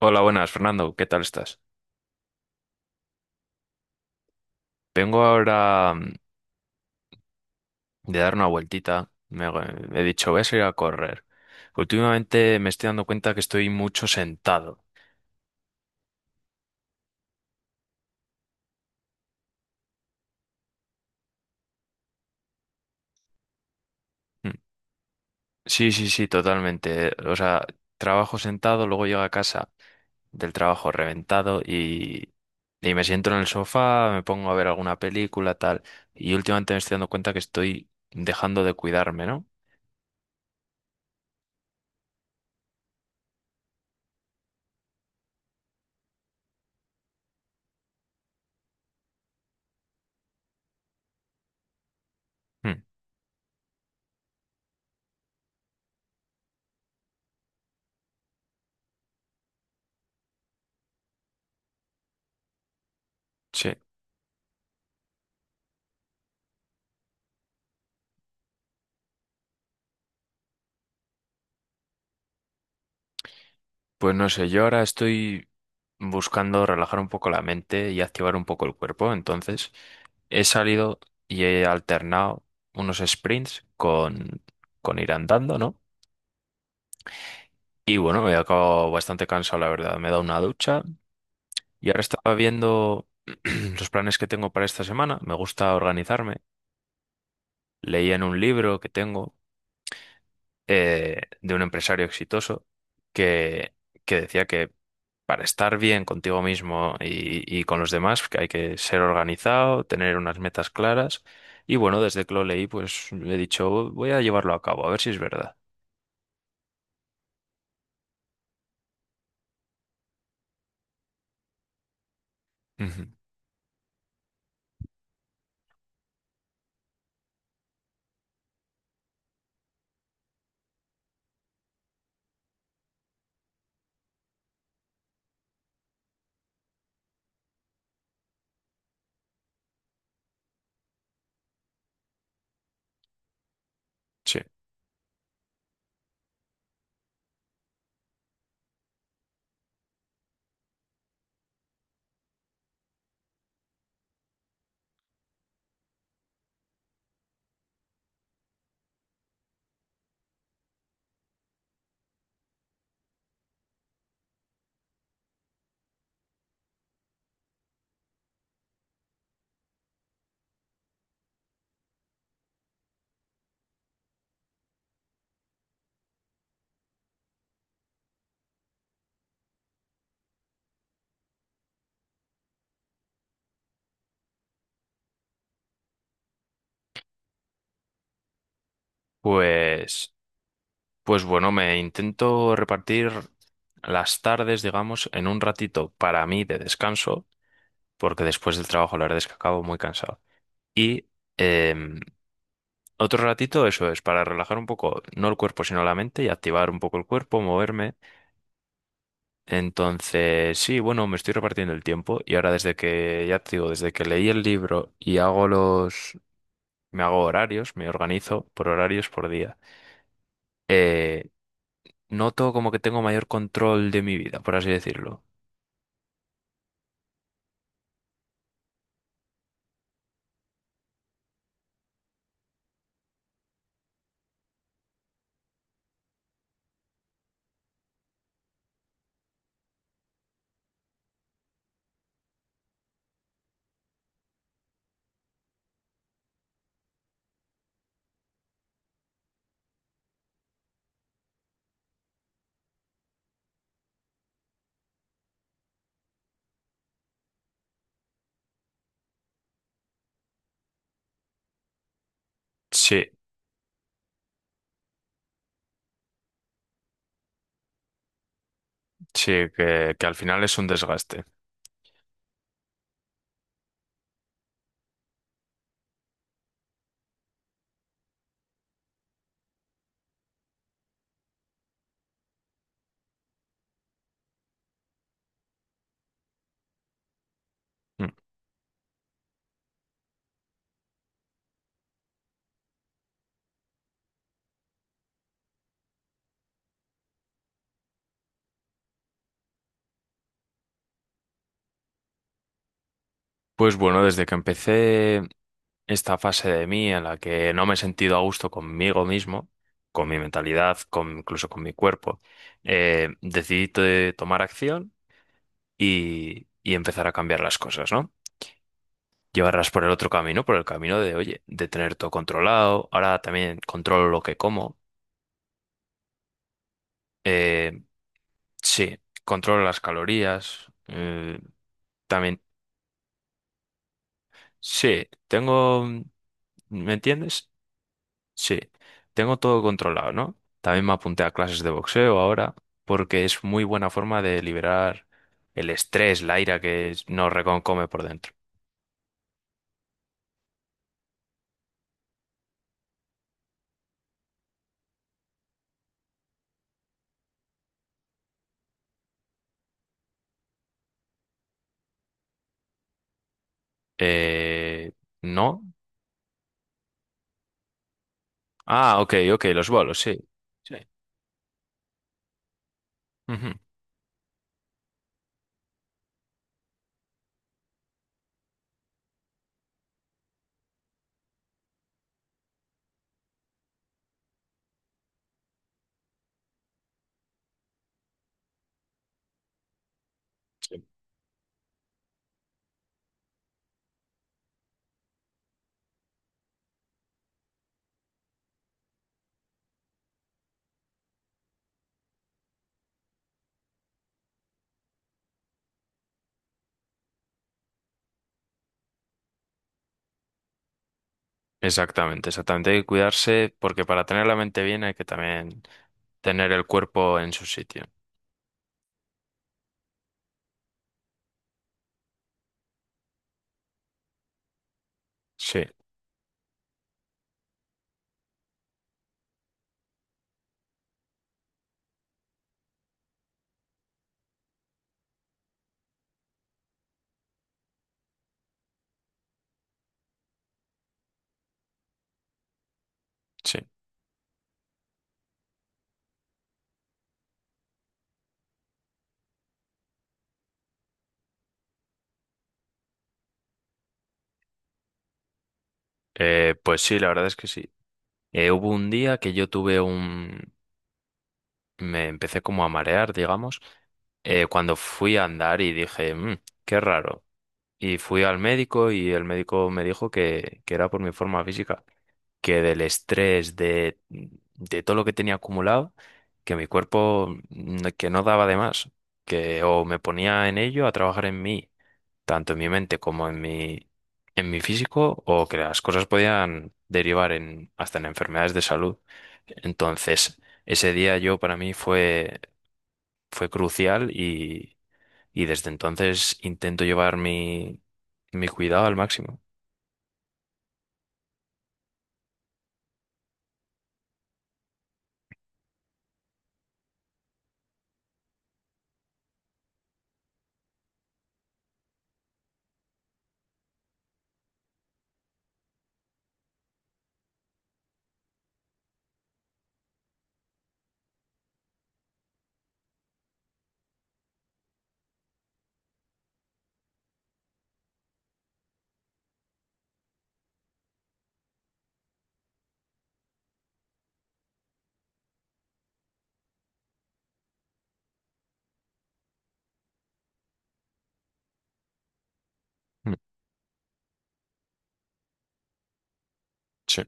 Hola, buenas, Fernando. ¿Qué tal estás? Vengo ahora de dar una vueltita. He dicho, voy a salir a correr. Últimamente me estoy dando cuenta que estoy mucho sentado. Mm. Sí, sí, sí, totalmente. O sea, trabajo sentado, luego llego a casa del trabajo reventado y me siento en el sofá, me pongo a ver alguna película, tal. Y últimamente me estoy dando cuenta que estoy dejando de cuidarme, ¿no? Mm. Sí. Pues no sé, yo ahora estoy buscando relajar un poco la mente y activar un poco el cuerpo. Entonces, he salido y he alternado unos sprints con ir andando, ¿no? Y bueno, me he acabado bastante cansado, la verdad. Me he dado una ducha y ahora estaba viendo los planes que tengo para esta semana. Me gusta organizarme. Leía en un libro que tengo de un empresario exitoso que, que decía que para estar bien contigo mismo y con los demás, que hay que ser organizado, tener unas metas claras. Y bueno, desde que lo leí, pues he dicho, voy a llevarlo a cabo, a ver si es verdad. Ujú. Sí. Pues, pues bueno, me intento repartir las tardes, digamos, en un ratito para mí de descanso, porque después del trabajo la verdad es que acabo muy cansado. Y em, otro ratito, eso es, para relajar un poco, no el cuerpo, sino la mente y activar un poco el cuerpo, moverme. Entonces, sí, bueno, me estoy repartiendo el tiempo y ahora desde que, ya te digo, desde que leí el libro y hago me hago horarios, me organizo por horarios por día, eh, noto como que tengo mayor control de mi vida, por así decirlo. Sí, sí, que al final es un desgaste. Mm. Pues bueno, desde que empecé esta fase de mí en la que no me he sentido a gusto conmigo mismo, con mi mentalidad, con, incluso con mi cuerpo, decidí to- tomar acción y empezar a cambiar las cosas, ¿no? Llevarlas por el otro camino, por el camino de, oye, de tener todo controlado. Ahora también controlo lo que como. Eh, sí, controlo las calorías. También, sí, tengo, ¿me entiendes? Sí, tengo todo controlado, ¿no? También me apunté a clases de boxeo ahora porque es muy buena forma de liberar el estrés, la ira que nos reconcome por dentro. Eh, ¿No? Ah, ok, ok, los bolos, sí. Sí. Ujú. Sí. Exactamente, exactamente. Hay que cuidarse porque para tener la mente bien hay que también tener el cuerpo en su sitio. Sí, sí. Pues sí, la verdad es que sí. Hubo un día que yo tuve me empecé como a marear, digamos, cuando fui a andar y dije, "Mm, qué raro". Y fui al médico y el médico me dijo que era por mi forma física, que del estrés, de todo lo que tenía acumulado, que mi cuerpo, que no daba de más, que o me ponía en ello a trabajar en mí tanto en mi mente como en en mi físico, o que las cosas podían derivar en, hasta en enfermedades de salud. Entonces, ese día yo para mí fue crucial y desde entonces intento llevar mi cuidado al máximo. Mm. Sí,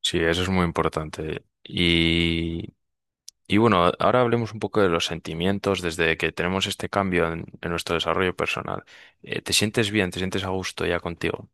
sí, eso es muy importante. Y bueno, ahora hablemos un poco de los sentimientos desde que tenemos este cambio en nuestro desarrollo personal. ¿Te sientes bien? ¿Te sientes a gusto ya contigo?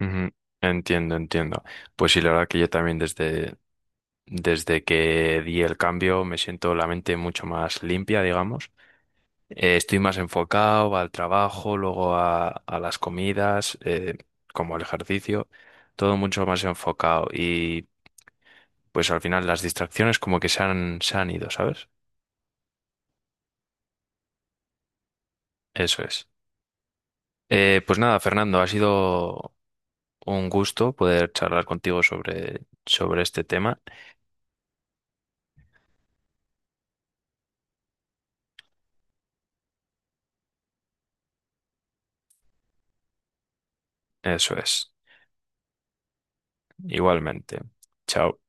Ujú. Entiendo, entiendo. Pues sí, la verdad que yo también desde, desde que di el cambio me siento la mente mucho más limpia, digamos. Estoy más enfocado al trabajo, luego a las comidas, como al ejercicio, todo mucho más enfocado. Y pues al final las distracciones como que se han ido, ¿sabes? Eso es. Pues nada, Fernando, ha sido un gusto poder charlar contigo sobre, sobre este tema. Eso es. Igualmente. Chao.